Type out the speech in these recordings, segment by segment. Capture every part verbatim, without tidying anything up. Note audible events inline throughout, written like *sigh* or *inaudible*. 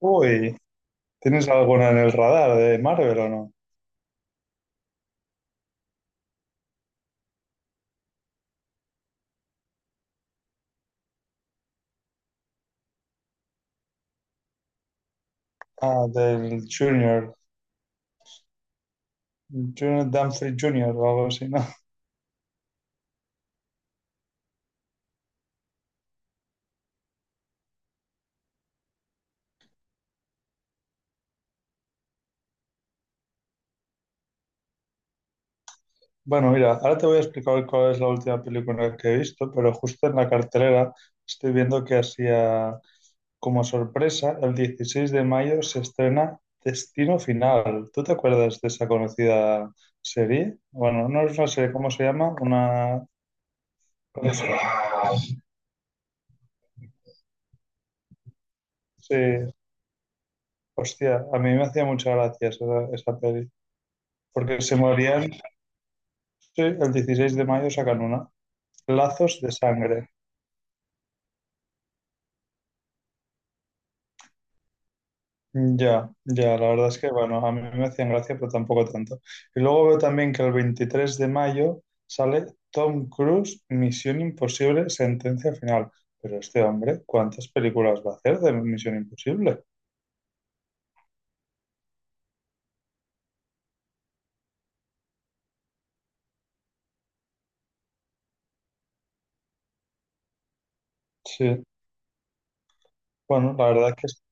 Uy, ¿tienes alguna en el radar de Marvel o no? Ah, del Junior, Junior Dumfries Junior o algo así, ¿no? *laughs* Bueno, mira, ahora te voy a explicar cuál es la última película que he visto, pero justo en la cartelera estoy viendo que hacía como sorpresa, el dieciséis de mayo se estrena Destino Final. ¿Tú te acuerdas de esa conocida serie? Bueno, no es una serie, ¿cómo se llama? Una... Sí, hostia, a mí me hacía mucha gracia esa, esa peli, porque se morían. Sí, el dieciséis de mayo sacan una. Lazos de sangre. Ya, ya, la verdad es que, bueno, a mí me hacían gracia, pero tampoco tanto. Y luego veo también que el veintitrés de mayo sale Tom Cruise, Misión Imposible, sentencia final. Pero este hombre, ¿cuántas películas va a hacer de Misión Imposible? Sí, bueno, la verdad es que es-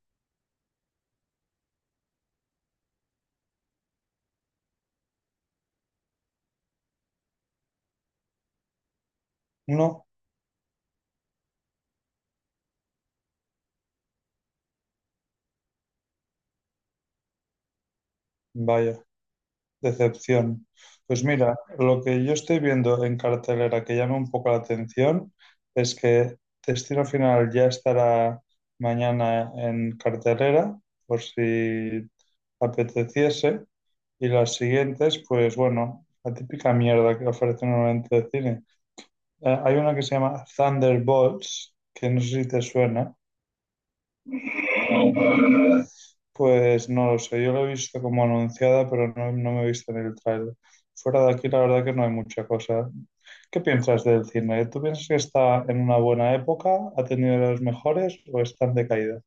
no, vaya. Decepción. Pues mira, lo que yo estoy viendo en cartelera que llama un poco la atención es que Destino Final ya estará mañana en cartelera, por si apeteciese, y las siguientes, pues bueno, la típica mierda que ofrece normalmente el cine. Eh, hay una que se llama Thunderbolts, que no sé si te suena, pues no lo sé, yo lo he visto como anunciada, pero no, no me he visto en el trailer. Fuera de aquí, la verdad que no hay mucha cosa. ¿Qué piensas del cine? ¿Tú piensas que está en una buena época, ha tenido los mejores o está en decaída?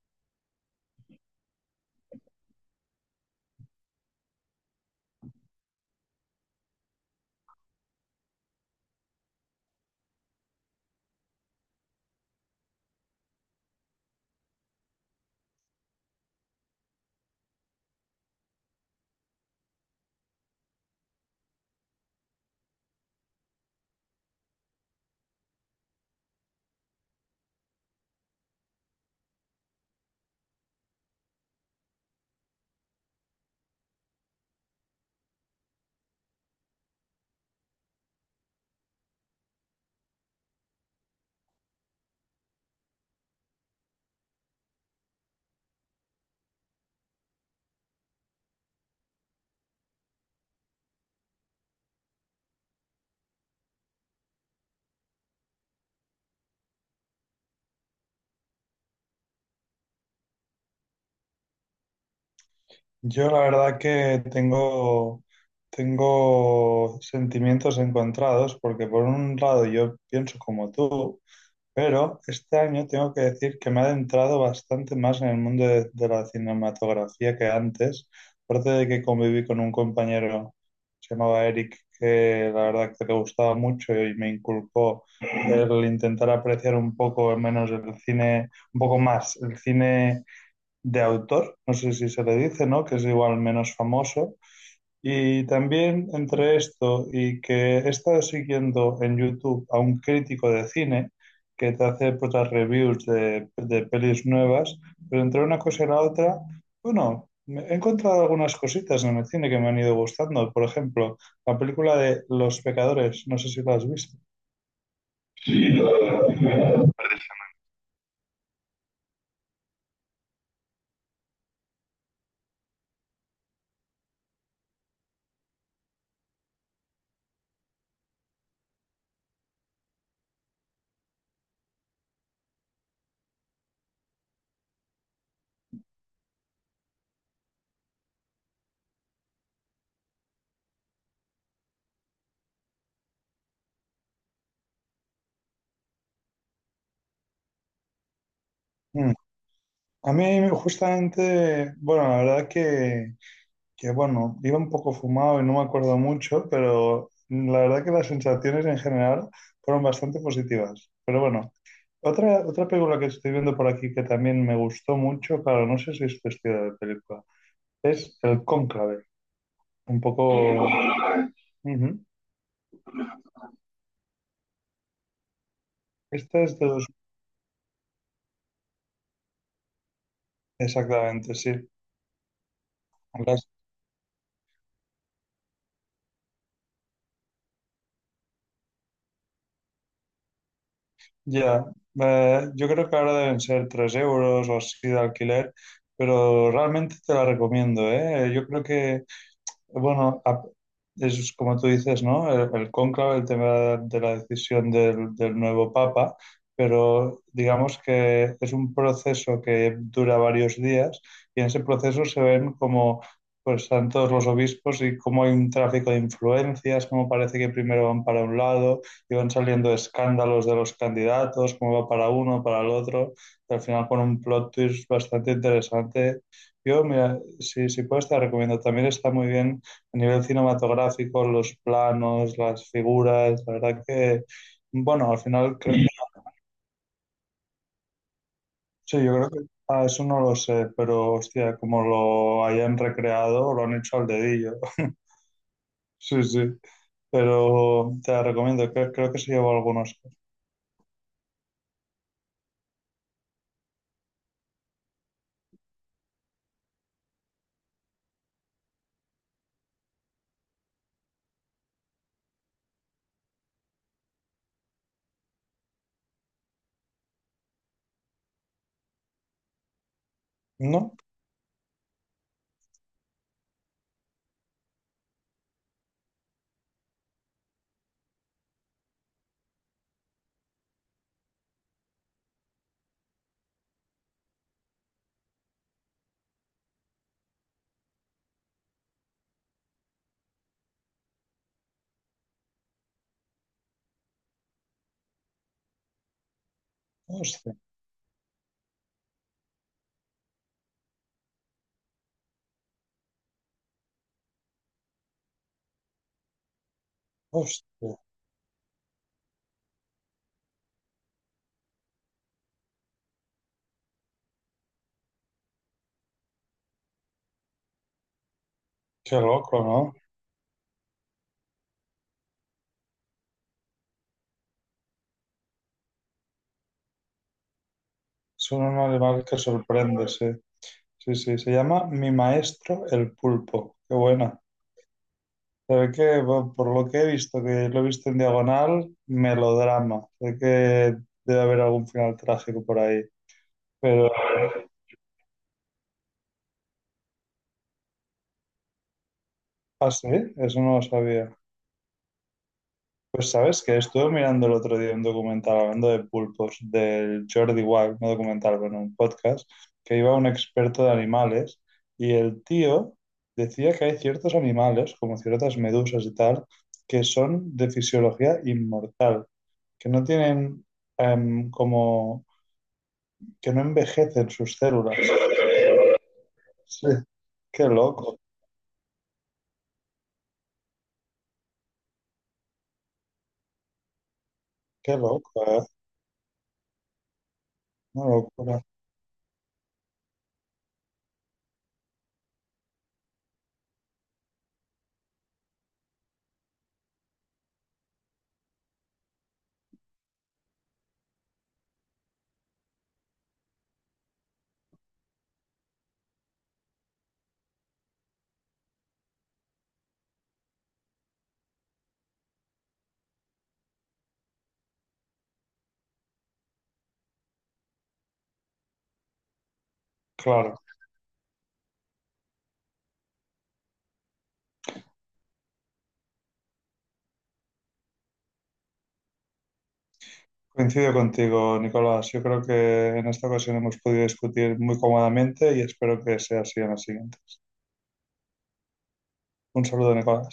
Yo la verdad que tengo, tengo sentimientos encontrados, porque por un lado yo pienso como tú, pero este año tengo que decir que me he adentrado bastante más en el mundo de, de la cinematografía que antes. Aparte de que conviví con un compañero, se llamaba Eric, que la verdad que le gustaba mucho y me inculcó el intentar apreciar un poco menos el cine, un poco más el cine de autor, no sé si se le dice, ¿no? Que es igual menos famoso, y también entre esto y que he estado siguiendo en YouTube a un crítico de cine que te hace, pues, las reviews de, de pelis nuevas, pero entre una cosa y la otra, bueno, me- he encontrado algunas cositas en el cine que me han ido gustando. Por ejemplo, la película de Los Pecadores, no sé si la has visto. Mm. A mí justamente, bueno, la verdad que que bueno, iba un poco fumado y no me acuerdo mucho, pero la verdad que las sensaciones en general fueron bastante positivas. Pero bueno, otra, otra película que estoy viendo por aquí que también me gustó mucho, claro, no sé si es cuestión de película, es El Cónclave, un poco... Ujú. Esta es de dos... Exactamente, sí. Las- Ya, Eh, yo creo que ahora deben ser tres euros o así de alquiler, pero realmente te la recomiendo, ¿eh? Yo creo que bueno, a- es como tú dices, ¿no? El, el cónclave, el tema de la decisión del, del nuevo papa, pero digamos que es un proceso que dura varios días y en ese proceso se ven como pues están todos los obispos y cómo hay un tráfico de influencias, cómo parece que primero van para un lado y van saliendo escándalos de los candidatos, cómo va para uno, para el otro, y al final con un plot twist bastante interesante. Yo, mira, si, si puedes, te recomiendo. También está muy bien a nivel cinematográfico, los planos, las figuras, la verdad que, bueno, al final creo que, sí, yo creo que, ah, eso no lo sé, pero hostia, como lo hayan recreado, lo han hecho al dedillo. *laughs* Sí, sí, pero te la recomiendo, creo, creo que se llevó algunos. ¿No? Hostia, hostia, qué loco, ¿no? Son un animal que sorprende, sí. Sí, sí, se llama Mi Maestro el Pulpo. Qué buena. Sé que bueno, por lo que he visto, que lo he visto en diagonal, melodrama. Sé que debe haber algún final trágico por ahí. Pero, ah, sí, eso no lo sabía. Pues sabes que estuve mirando el otro día un documental hablando de pulpos del Jordi Wild, no documental, bueno, un podcast, que iba un experto de animales y el tío decía que hay ciertos animales, como ciertas medusas y tal, que son de fisiología inmortal, que no tienen em, como que no envejecen sus células. Sí, qué loco, qué loco, ¿eh? Una locura. Claro, coincido contigo, Nicolás. Yo creo que en esta ocasión hemos podido discutir muy cómodamente y espero que sea así en la siguiente. Un saludo, Nicolás.